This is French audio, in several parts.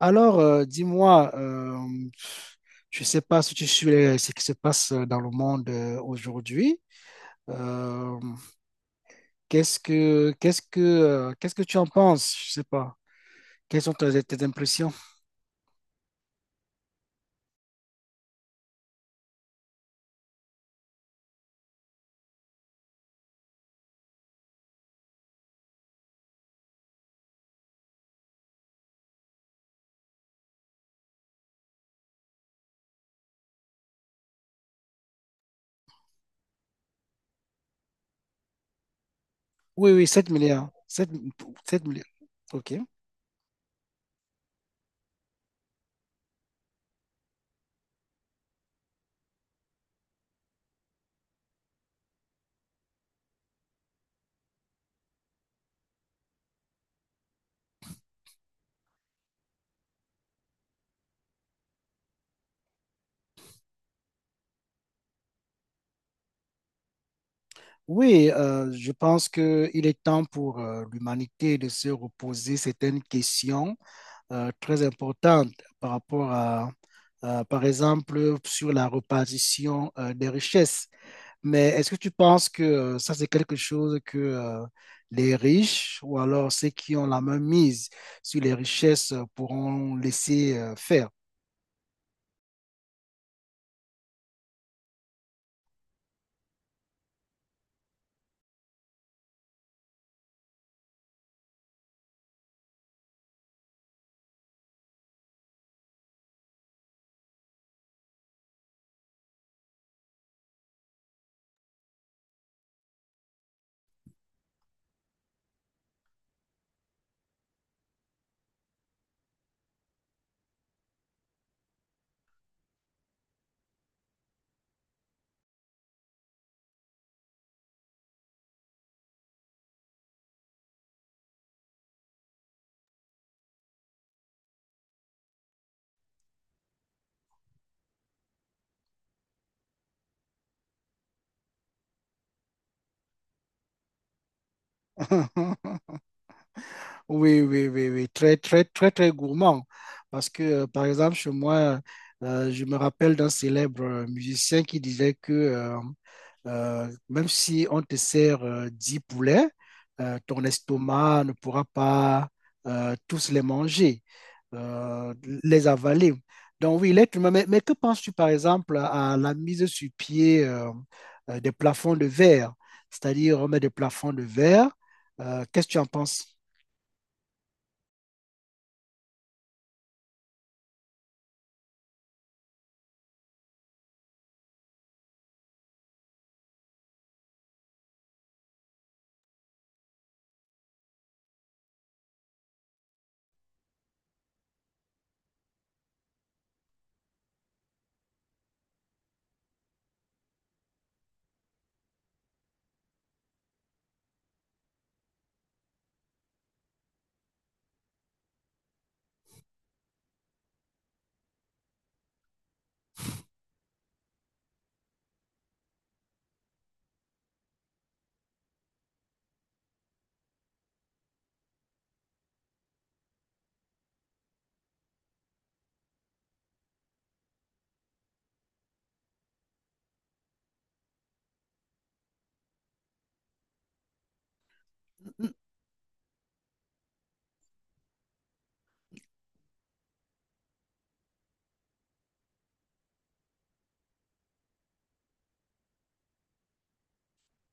Alors, dis-moi, je ne sais pas si tu suis ce qui se passe dans le monde aujourd'hui. Euh, Qu'est-ce que tu en penses? Je ne sais pas. Quelles sont tes impressions? Oui, oui, 7 milliards. 7 milliards. OK. Oui, je pense qu'il est temps pour l'humanité de se reposer certaines questions très importante par rapport à, par exemple, sur la répartition des richesses. Mais est-ce que tu penses que ça, c'est quelque chose que les riches ou alors ceux qui ont la main mise sur les richesses pourront laisser faire? Oui, oui, oui, oui, très, très, très, très gourmand. Parce que, par exemple, chez moi, je me rappelle d'un célèbre musicien qui disait que même si on te sert 10 poulets, ton estomac ne pourra pas tous les manger, euh, les avaler. Donc oui, l'être humain, mais que penses-tu par exemple à la mise sur pied des plafonds de verre? C'est-à-dire on met des plafonds de verre. Qu'est-ce que tu en penses?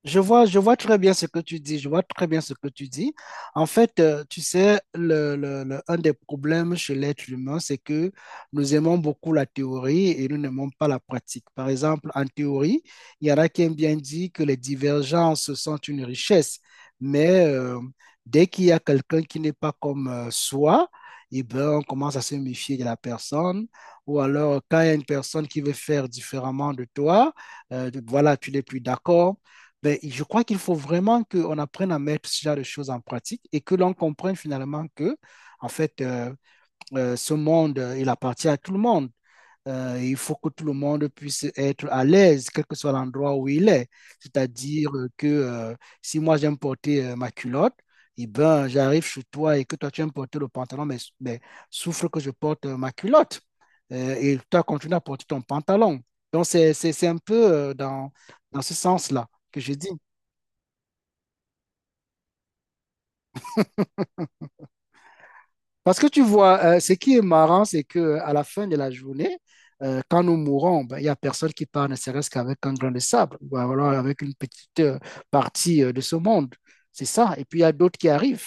Je vois très bien ce que tu dis, je vois très bien ce que tu dis. En fait, tu sais, un des problèmes chez l'être humain, c'est que nous aimons beaucoup la théorie et nous n'aimons pas la pratique. Par exemple, en théorie, il y en a qui aiment bien dire que les divergences sont une richesse, mais dès qu'il y a quelqu'un qui n'est pas comme soi, eh ben, on commence à se méfier de la personne. Ou alors, quand il y a une personne qui veut faire différemment de toi, voilà, tu n'es plus d'accord. Ben, je crois qu'il faut vraiment qu'on apprenne à mettre ce genre de choses en pratique et que l'on comprenne finalement que, en fait, ce monde, il appartient à tout le monde. Il faut que tout le monde puisse être à l'aise, quel que soit l'endroit où il est. C'est-à-dire que si moi j'aime porter ma culotte, eh ben, j'arrive chez toi et que toi tu aimes porter le pantalon, mais souffre que je porte ma culotte. Et toi continue à porter ton pantalon. Donc c'est un peu dans ce sens-là que je dis. Parce que tu vois, ce qui est marrant, c'est que à la fin de la journée, quand nous mourons, ben, il n'y a personne qui part, ne serait-ce qu'avec un grain de sable, ou alors avec une petite partie de ce monde. C'est ça. Et puis, il y a d'autres qui arrivent.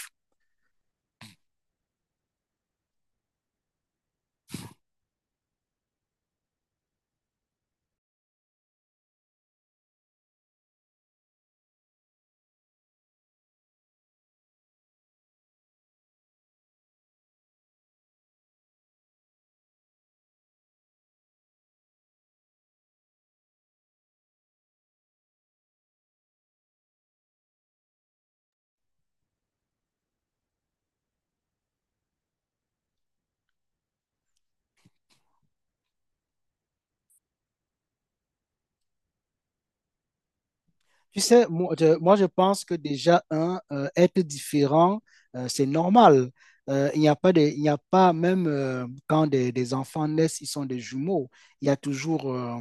Tu sais, je pense que déjà, un, être différent, c'est normal. Il n'y a pas de, il n'y a pas, même quand des enfants naissent, ils sont des jumeaux. Il y a toujours euh,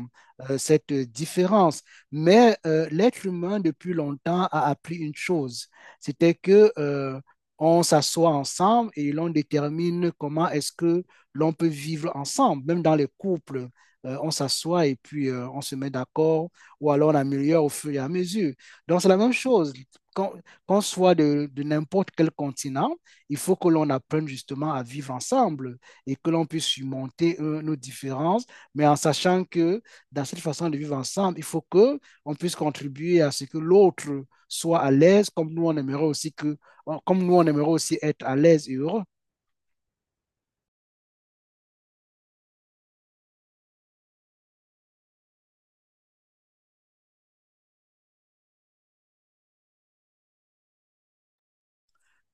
euh, cette différence. Mais l'être humain, depuis longtemps, a appris une chose. C'était que on s'assoit ensemble et l'on détermine comment est-ce que l'on peut vivre ensemble, même dans les couples. On s'assoit et puis on se met d'accord ou alors on améliore au fur et à mesure. Donc, c'est la même chose. Qu'on qu'on soit de n'importe quel continent, il faut que l'on apprenne justement à vivre ensemble et que l'on puisse surmonter nos différences, mais en sachant que dans cette façon de vivre ensemble, il faut que on puisse contribuer à ce que l'autre soit à l'aise, comme nous on aimerait aussi être à l'aise et heureux.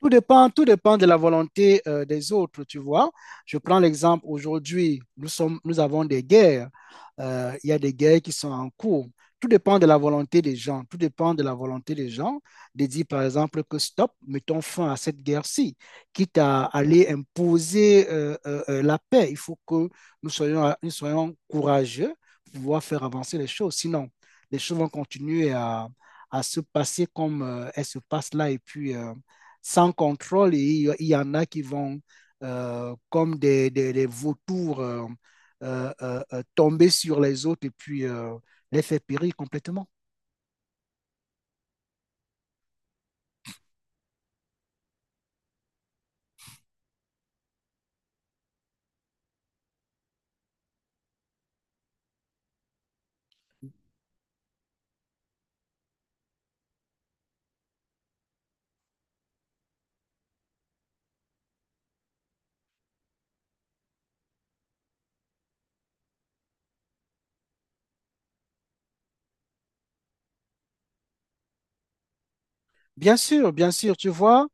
Tout dépend de la volonté des autres, tu vois. Je prends l'exemple aujourd'hui, nous avons des guerres. Il y a des guerres qui sont en cours. Tout dépend de la volonté des gens. Tout dépend de la volonté des gens de dire, par exemple, que stop, mettons fin à cette guerre-ci, quitte à aller imposer la paix. Il faut que nous soyons courageux pour pouvoir faire avancer les choses. Sinon, les choses vont continuer à se passer comme elles se passent là et puis sans contrôle et y en a qui vont comme des vautours tomber sur les autres et puis les faire périr complètement. Bien sûr, tu vois.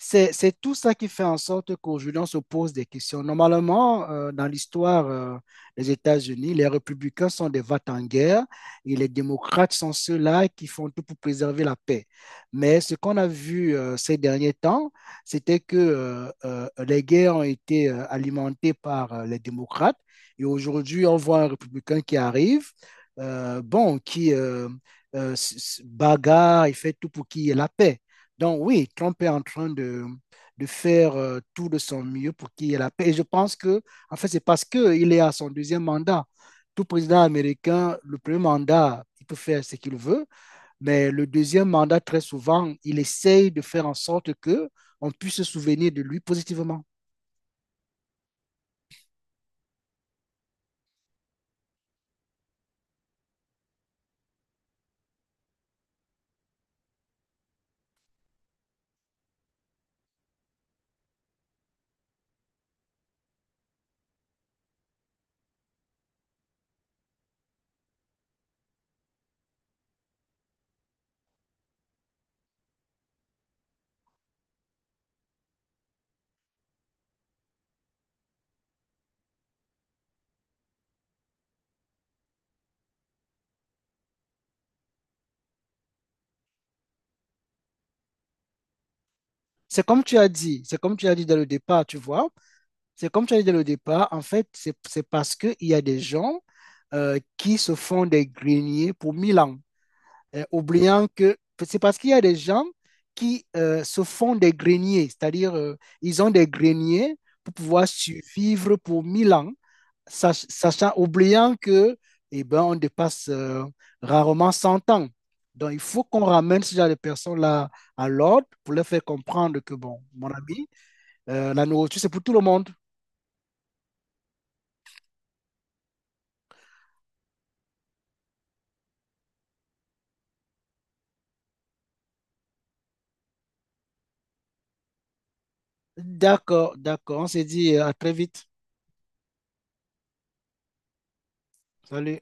C'est tout ça qui fait en sorte qu'aujourd'hui, on se pose des questions. Normalement, dans l'histoire des États-Unis, les républicains sont des vats en guerre et les démocrates sont ceux-là qui font tout pour préserver la paix. Mais ce qu'on a vu ces derniers temps, c'était que les guerres ont été alimentées par les démocrates et aujourd'hui, on voit un républicain qui arrive, bon, qui bagarre, il fait tout pour qu'il y ait la paix. Donc oui, Trump est en train de faire tout de son mieux pour qu'il y ait la paix. Et je pense que, en fait, c'est parce qu'il est à son deuxième mandat. Tout président américain, le premier mandat, il peut faire ce qu'il veut, mais le deuxième mandat, très souvent, il essaye de faire en sorte que on puisse se souvenir de lui positivement. C'est comme tu as dit, c'est comme tu as dit dès le départ, tu vois. C'est comme tu as dit dès le départ, en fait, c'est parce qu'il y a des gens qui se font des greniers pour 1 000 ans. Oubliant que c'est parce qu'il y a des gens qui se font des greniers, c'est-à-dire ils ont des greniers pour pouvoir survivre pour 1 000 ans, sachant, oubliant que eh ben, on dépasse rarement 100 ans. Donc il faut qu'on ramène ce genre de personnes-là à l'ordre pour leur faire comprendre que, bon, mon ami, la nourriture, c'est pour tout le monde. D'accord, d'accord, on s'est dit à très vite. Salut.